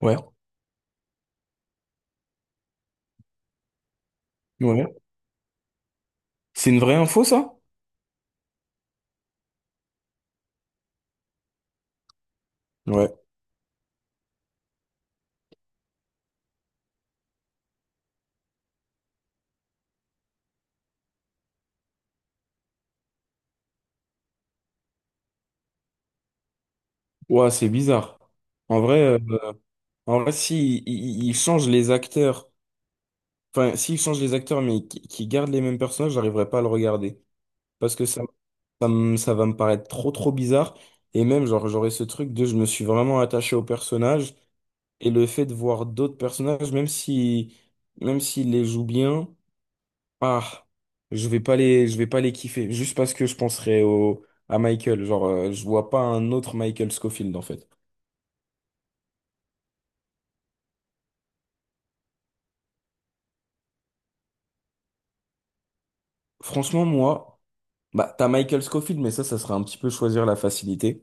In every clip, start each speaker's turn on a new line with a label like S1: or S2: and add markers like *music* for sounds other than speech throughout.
S1: Ouais, ouais. C'est une vraie info, ça? Ouais. Ouais, c'est bizarre. En vrai, euh, en vrai, si ils changent les acteurs, enfin, s'ils changent les acteurs, mais qui gardent les mêmes personnages, j'arriverai pas à le regarder. Parce que ça va me paraître trop bizarre. Et même, genre, j'aurais ce truc de je me suis vraiment attaché au personnage. Et le fait de voir d'autres personnages, même si, même s'ils les jouent bien. Ah, je vais pas les kiffer, juste parce que je penserai à Michael. Genre, je vois pas un autre Michael Scofield, en fait. Franchement, moi, bah, t'as Michael Scofield, mais ça serait un petit peu choisir la facilité.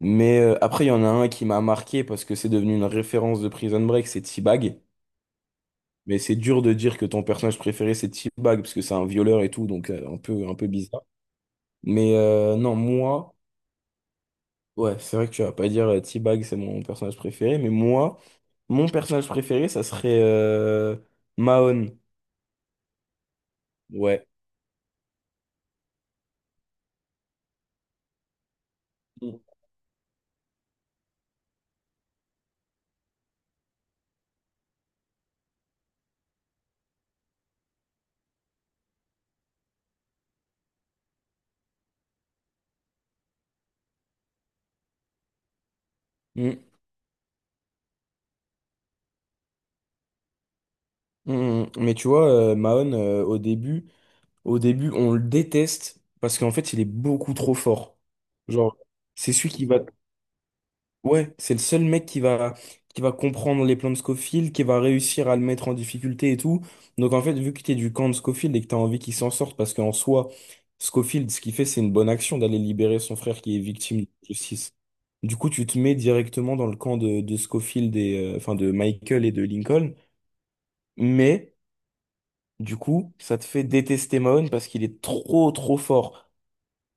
S1: Mais après, il y en a un qui m'a marqué parce que c'est devenu une référence de Prison Break, c'est T-Bag. Mais c'est dur de dire que ton personnage préféré, c'est T-Bag, parce que c'est un violeur et tout, donc un peu bizarre. Mais non, moi, ouais, c'est vrai que tu vas pas dire T-Bag, c'est mon personnage préféré, mais moi. Mon personnage préféré, ça serait Mahon. Ouais. Mm, mm, mm. Mm. Mais tu vois, Mahon, au début, on le déteste parce qu'en fait, il est beaucoup trop fort. Genre, c'est celui qui va. Ouais, c'est le seul mec qui va comprendre les plans de Scofield, qui va réussir à le mettre en difficulté et tout. Donc, en fait, vu que t'es du camp de Scofield et que t'as envie qu'il s'en sorte, parce qu'en soi, Scofield, ce qu'il fait, c'est une bonne action d'aller libérer son frère qui est victime de justice. Du coup, tu te mets directement dans le camp de Scofield et, enfin, de Michael et de Lincoln. Mais, du coup, ça te fait détester Mahone parce qu'il est trop fort.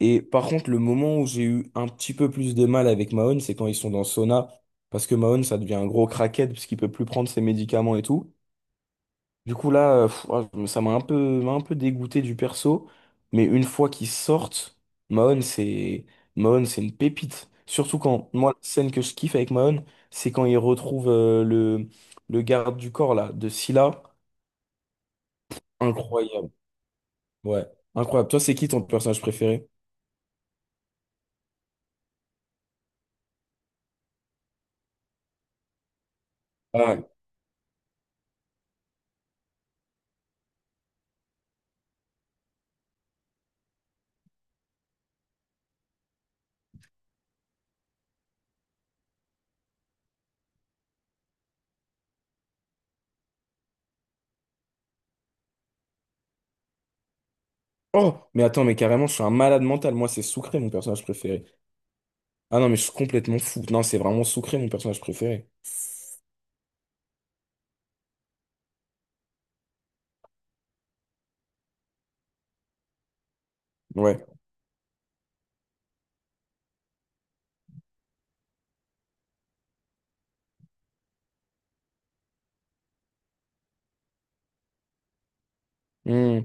S1: Et par contre, le moment où j'ai eu un petit peu plus de mal avec Mahone, c'est quand ils sont dans le sauna. Parce que Mahone, ça devient un gros crackhead parce qu'il peut plus prendre ses médicaments et tout. Du coup, là, ça m'a un peu dégoûté du perso, mais une fois qu'ils sortent, Mahon, c'est Mahon, c'est une pépite. Surtout quand, moi, la scène que je kiffe avec Mahon, c'est quand il retrouve le garde du corps, là, de Scylla. Incroyable. Ouais, incroyable. Toi, c'est qui ton personnage préféré? Ah, ouais. Oh, mais attends, mais carrément, je suis un malade mental. Moi, c'est Sucré, mon personnage préféré. Ah non, mais je suis complètement fou. Non, c'est vraiment Sucré, mon personnage préféré. Ouais. Hmm.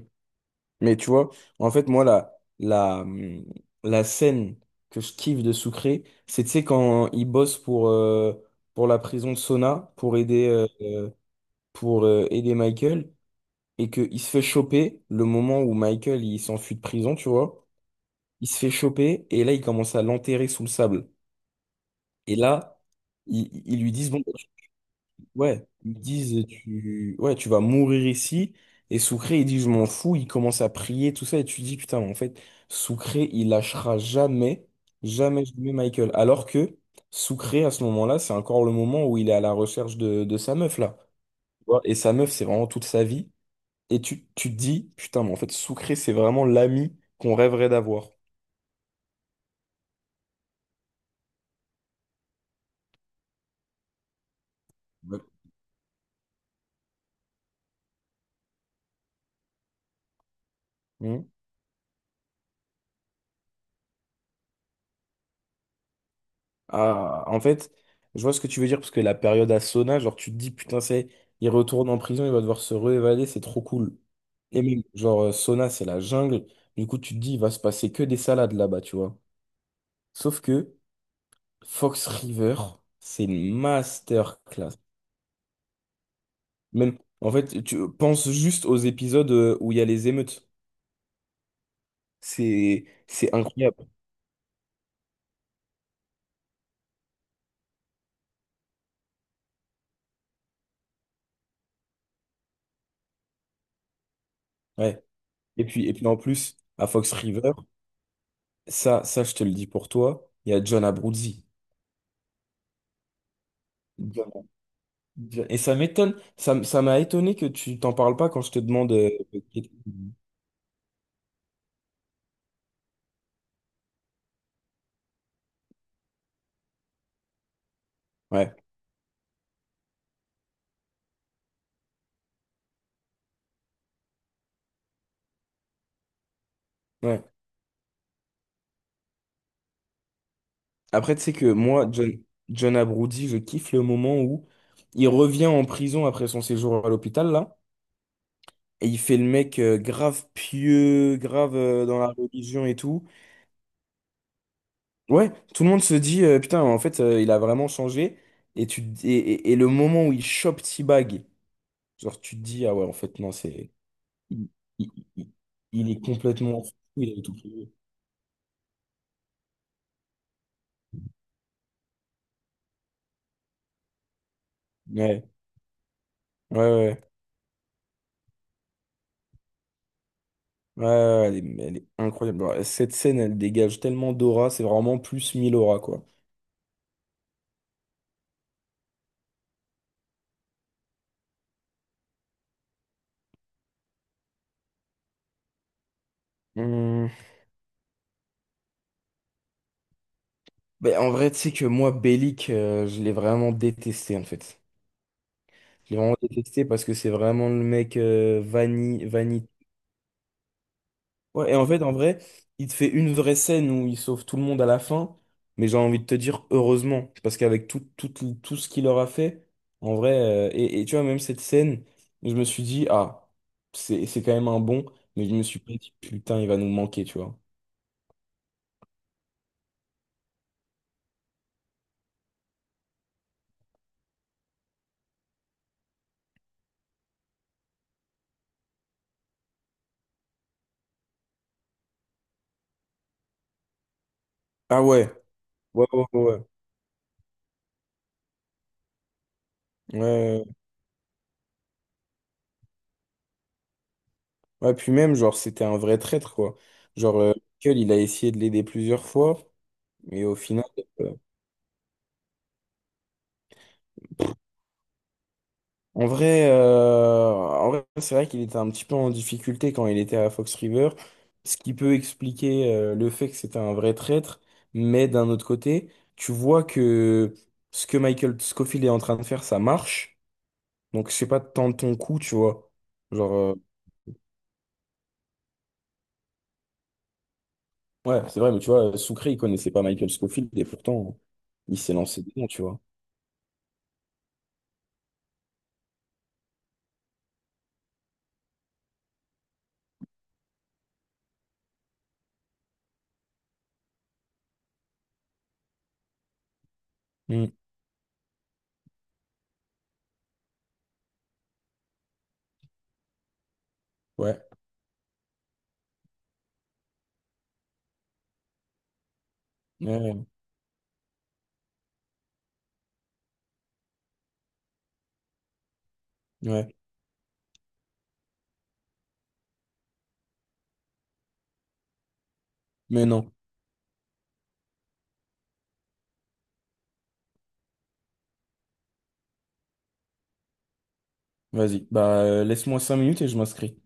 S1: Mais tu vois, en fait, moi, la scène que je kiffe de Sucré, c'est, tu sais, quand il bosse pour la prison de Sona, pour, aider Michael, et qu'il se fait choper le moment où Michael, il s'enfuit de prison, tu vois. Il se fait choper, et là, il commence à l'enterrer sous le sable. Et là, ils lui disent, bon, ouais, ils disent tu ouais, tu vas mourir ici et Soucré il dit je m'en fous, il commence à prier tout ça et tu dis putain en fait Soucré il lâchera jamais, jamais, jamais Michael alors que Soucré à ce moment-là, c'est encore le moment où il est à la recherche de sa meuf là. Tu vois. Et sa meuf c'est vraiment toute sa vie et tu te dis putain mais en fait Soucré c'est vraiment l'ami qu'on rêverait d'avoir. Ouais. Hmm. Ah, en fait, je vois ce que tu veux dire, parce que la période à Sona, genre, tu te dis, putain, c'est, il retourne en prison, il va devoir se réévader, c'est trop cool. Et même, genre, Sona, c'est la jungle. Du coup, tu te dis, il va se passer que des salades là-bas, tu vois. Sauf que Fox *laughs* River, c'est une masterclass. Même, en fait, tu penses juste aux épisodes où il y a les émeutes. C'est incroyable. Ouais. Et puis, en plus, à Fox River, je te le dis pour toi, il y a John Abruzzi. Et ça m'étonne, ça m'a étonné que tu t'en parles pas quand je te demande. Ouais, ouais. Après, tu sais que moi, John Abruzzi, je kiffe le moment où il revient en prison après son séjour à l'hôpital, là, et il fait le mec grave pieux, grave dans la religion et tout. Ouais, tout le monde se dit, putain, en fait, il a vraiment changé. Et, et le moment où il chope T-Bag, genre, tu te dis, ah ouais, en fait, non, c'est. Il, il- il- il est complètement fou, il a tout. Ouais, ouais, ouais. Ouais, ouais, ouais, elle est incroyable. Bon, cette scène, elle dégage tellement d'aura, c'est vraiment plus 1000 aura, quoi. Hum, ben, en vrai, tu sais que moi, Bellic, je l'ai vraiment détesté, en fait. Je l'ai vraiment détesté parce que c'est vraiment le mec vanille. Ouais, et en fait, en vrai, il te fait une vraie scène où il sauve tout le monde à la fin, mais j'ai envie de te dire heureusement, parce qu'avec tout, tout, tout, tout ce qu'il leur a fait, en vrai, et tu vois, même cette scène, je me suis dit, c'est quand même un bon, mais je me suis pas dit, putain, il va nous manquer, tu vois. Ah ouais, ouais, ouais, ouais. Ouais, ouais. Ouais, ouais, puis même, genre, c'était un vrai traître, quoi. Genre, Michael, il a essayé de l'aider plusieurs fois, mais au final. euh, en vrai, c'est vrai qu'il était un petit peu en difficulté quand il était à Fox River, ce qui peut expliquer le fait que c'était un vrai traître. Mais d'un autre côté, tu vois que ce que Michael Scofield est en train de faire, ça marche. Donc, je sais pas tant de ton coup, tu vois. Genre, ouais, c'est vrai, mais tu vois, Sucré, il connaissait pas Michael Scofield et pourtant, il s'est lancé dedans, tu vois. Mm. Ouais, ouais, ouais. Mais non, vas-y, bah, laisse-moi 5 minutes et je m'inscris.